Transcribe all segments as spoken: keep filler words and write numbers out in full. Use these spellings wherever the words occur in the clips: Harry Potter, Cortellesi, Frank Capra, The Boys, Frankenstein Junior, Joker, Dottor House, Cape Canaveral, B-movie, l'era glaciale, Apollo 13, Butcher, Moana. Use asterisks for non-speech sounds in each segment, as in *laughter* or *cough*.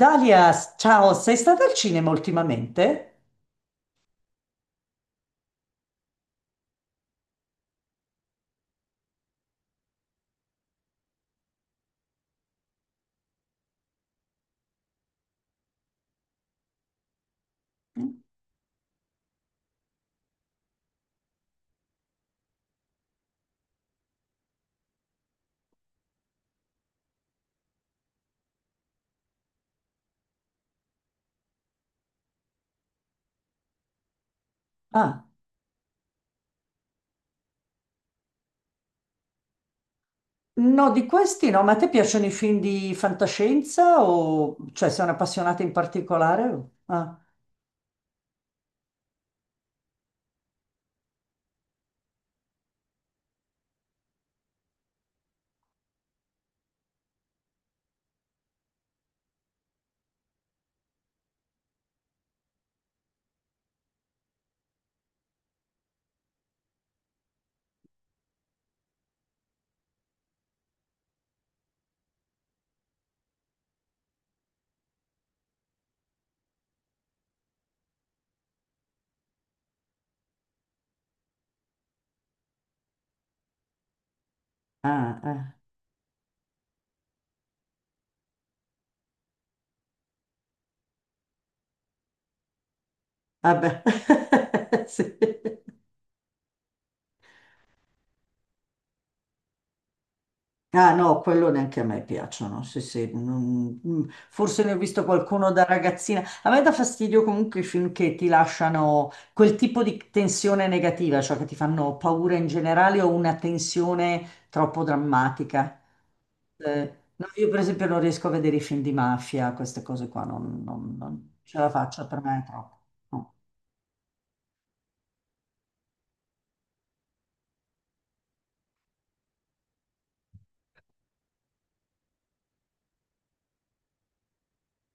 Dalia, ciao, sei stata al cinema ultimamente? Ah, no, di questi no, ma a te piacciono i film di fantascienza o cioè sei un'appassionata in particolare? Ah, ah, ah, vabbè, *laughs* sì. Ah no, quello neanche a me piacciono, sì, sì, non- mm, forse ne ho visto qualcuno da ragazzina. A me dà fastidio comunque i film che ti lasciano quel tipo di tensione negativa, cioè che ti fanno paura in generale o una tensione troppo drammatica. Eh, no, io per esempio non riesco a vedere i film di mafia, queste cose qua, non, non- non ce la faccio, per me è troppo. No.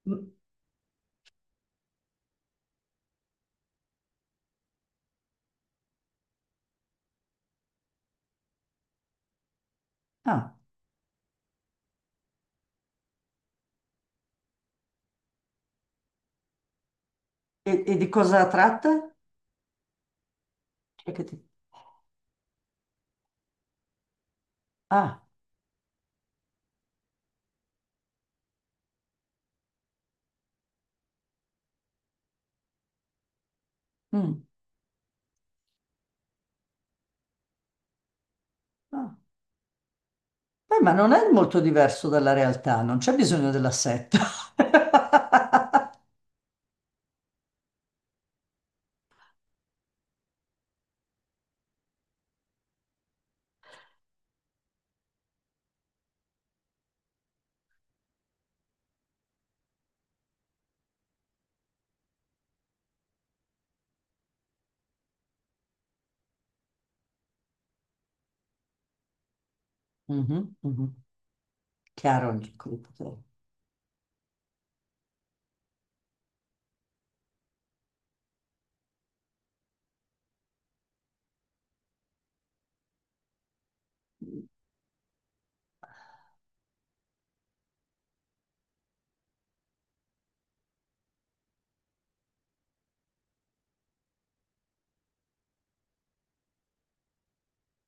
Mm. Ah, e, e di cosa tratta? Cioè che ti- Ah, mm, ah. Beh, ma non è molto diverso dalla realtà, non c'è bisogno della setta. *laughs* Mhm, mhm. Chiaro il gruppo, certo.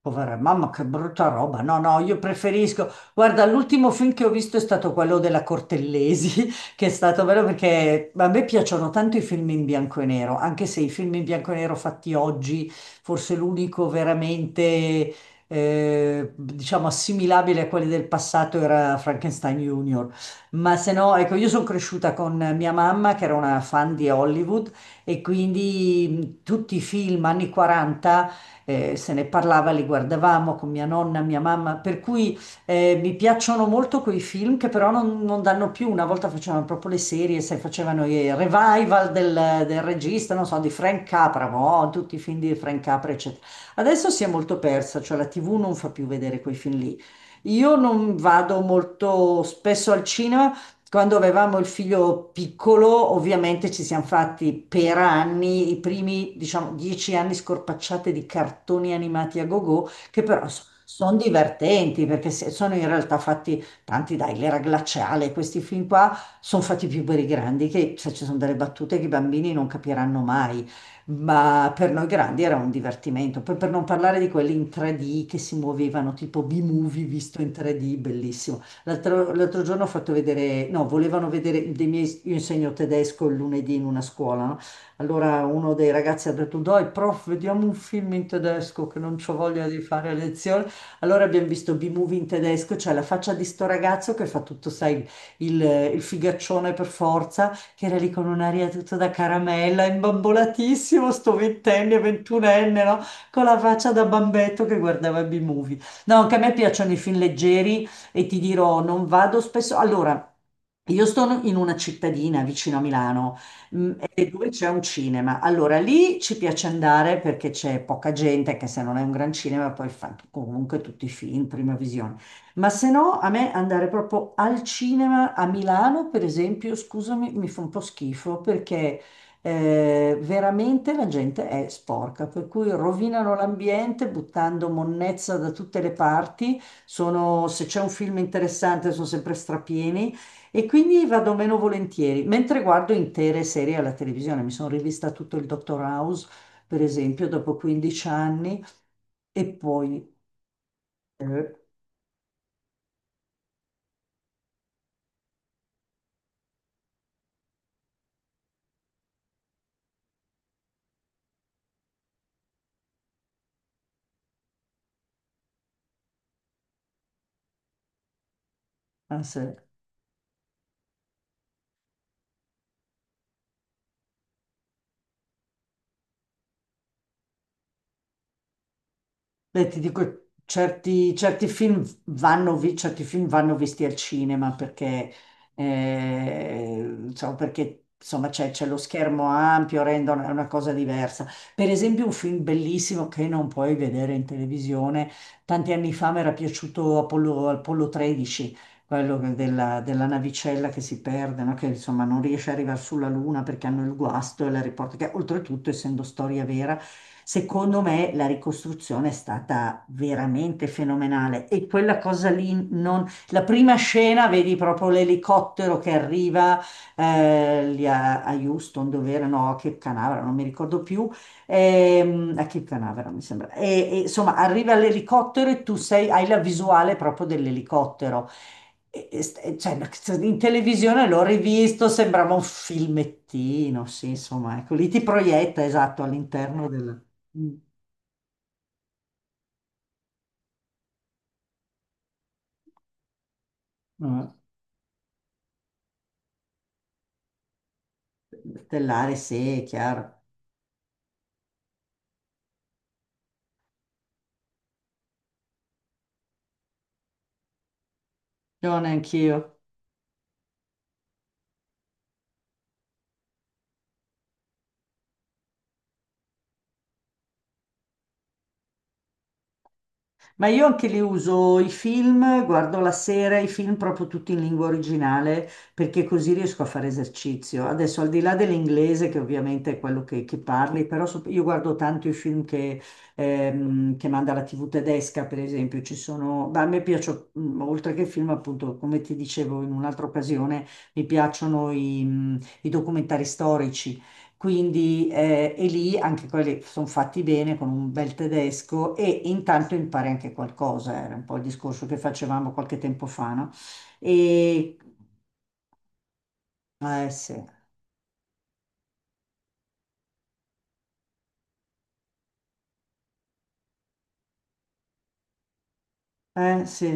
Povera mamma, che brutta roba. No, no, io preferisco. Guarda, l'ultimo film che ho visto è stato quello della Cortellesi, *laughs* che è stato bello perché a me piacciono tanto i film in bianco e nero, anche se i film in bianco e nero fatti oggi, forse l'unico veramente, eh, diciamo, assimilabile a quelli del passato era Frankenstein Junior. Ma se no, ecco, io sono cresciuta con mia mamma, che era una fan di Hollywood, e quindi mh, tutti i film anni quaranta, eh, se ne parlava, li guardavamo con mia nonna, mia mamma, per cui eh, mi piacciono molto quei film che però non, non danno più. Una volta facevano proprio le serie, se facevano i revival del, del regista, non so, di Frank Capra, boh, tutti i film di Frank Capra, eccetera. Adesso si è molto persa, cioè la T V non fa più vedere quei film lì. Io non vado molto spesso al cinema. Quando avevamo il figlio piccolo, ovviamente ci siamo fatti per anni, i primi, diciamo, dieci anni, scorpacciate di cartoni animati a gogo, che però sono divertenti perché se- sono in realtà fatti tanti, dai, l'era glaciale, questi film qua sono fatti più per i grandi, che se ci sono delle battute che i bambini non capiranno mai, ma per noi grandi era un divertimento. Poi per non parlare di quelli in tre D che si muovevano, tipo B-movie visto in tre D, bellissimo. L'altro, l'altro giorno ho fatto vedere, no, volevano vedere dei miei, io insegno tedesco il lunedì in una scuola, no? Allora uno dei ragazzi ha detto, dai, prof, vediamo un film in tedesco che non c'ho voglia di fare lezione. Allora abbiamo visto B-movie in tedesco, cioè la faccia di sto ragazzo che fa tutto, sai, il, il figaccione per forza, che era lì con un'aria tutta da caramella, imbambolatissimo, sto ventenne, ventunenne, no? Con la faccia da bambetto che guardava B-movie. No, anche a me piacciono i film leggeri e ti dirò, non vado spesso. Allora, io sto in una cittadina vicino a Milano, mm, e dove c'è un cinema. Allora, lì ci piace andare perché c'è poca gente, che se non è un gran cinema poi fa comunque tutti i film, prima visione. Ma se no, a me andare proprio al cinema a Milano, per esempio, scusami, mi fa un po' schifo perché eh, veramente la gente è sporca, per cui rovinano l'ambiente buttando monnezza da tutte le parti. Sono- se c'è un film interessante sono sempre strapieni e quindi vado meno volentieri, mentre guardo intere serie alla televisione. Mi sono rivista tutto il Dottor House, per esempio, dopo quindici anni e poi... eh, ah, sì. Beh, ti dico, certi, certi film vanno, vi- certi film vanno visti al cinema perché, eh, diciamo, perché, insomma, c'è c'è lo schermo ampio, rendono, è una cosa diversa. Per esempio, un film bellissimo che non puoi vedere in televisione, tanti anni fa mi era piaciuto Apollo, Apollo tredici, quello che- della, della navicella che si perde, no? Che insomma non riesce ad arrivare sulla Luna perché hanno il guasto e la riporta, che oltretutto, essendo storia vera, secondo me la ricostruzione è stata veramente fenomenale. E quella cosa lì, non... la prima scena, vedi proprio l'elicottero che arriva eh, lì a, a Houston, dove era, no, a Cape Canaveral, non mi ricordo più, ehm, a Cape Canaveral mi sembra. E, e, insomma, arriva l'elicottero e tu sei- hai la visuale proprio dell'elicottero. E- e st- cioè, in televisione l'ho rivisto, sembrava un filmettino, sì, insomma, ecco, lì ti proietta, esatto, all'interno del... Mm. Eh. Stellare, sì, è chiaro. Io neanch'io. Ma io anche li uso i film, guardo la sera i film proprio tutti in lingua originale perché così riesco a fare esercizio. Adesso al di là dell'inglese che ovviamente è quello che, che parli, però so- io guardo tanto i film che, ehm, che manda la T V tedesca, per esempio, ci sono, ma a me piacciono, mm, oltre che i film appunto, come ti dicevo in un'altra occasione, mi piacciono i, mm, i documentari storici. Quindi eh, e lì anche quelli sono fatti bene con un bel tedesco e intanto impari anche qualcosa, era un po' il discorso che facevamo qualche tempo fa, no? E eh sì, eh sì,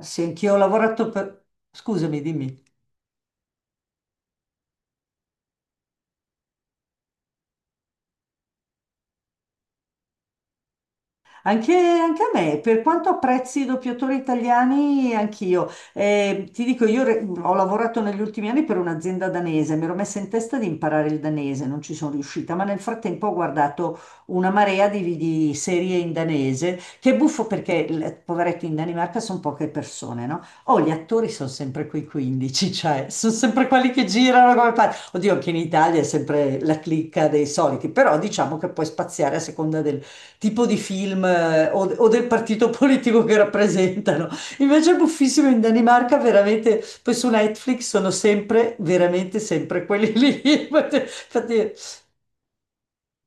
sì, anch'io ho lavorato per... Scusami, dimmi. Anche, anche a me, per quanto apprezzi i doppiatori italiani, anch'io. Eh, ti dico, io re- ho lavorato negli ultimi anni per un'azienda danese, mi ero messa in testa di imparare il danese, non ci sono riuscita, ma nel frattempo ho guardato una marea di, di serie in danese, che è buffo perché, l- poveretto, in Danimarca sono poche persone, no? Oh, gli attori sono sempre quei quindici, cioè, sono sempre quelli che girano come pazzi. Oddio, anche in Italia è sempre la clicca dei soliti, però diciamo che puoi spaziare a seconda delle tipo di film, eh, o, o del partito *laughs* politico che rappresentano. Invece è buffissimo in Danimarca, veramente, poi su Netflix sono sempre, veramente sempre quelli lì. *laughs* Infatti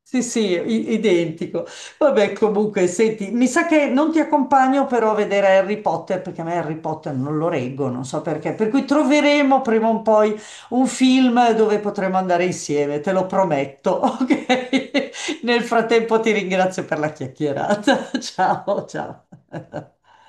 sì, sì, i- identico. Vabbè, comunque, senti, mi sa che non ti accompagno però a vedere Harry Potter, perché a me Harry Potter non lo reggo, non so perché. Per cui troveremo prima o poi un film dove potremo andare insieme, te lo prometto, *laughs* ok? Nel frattempo ti ringrazio per la chiacchierata. *laughs* Ciao, ciao.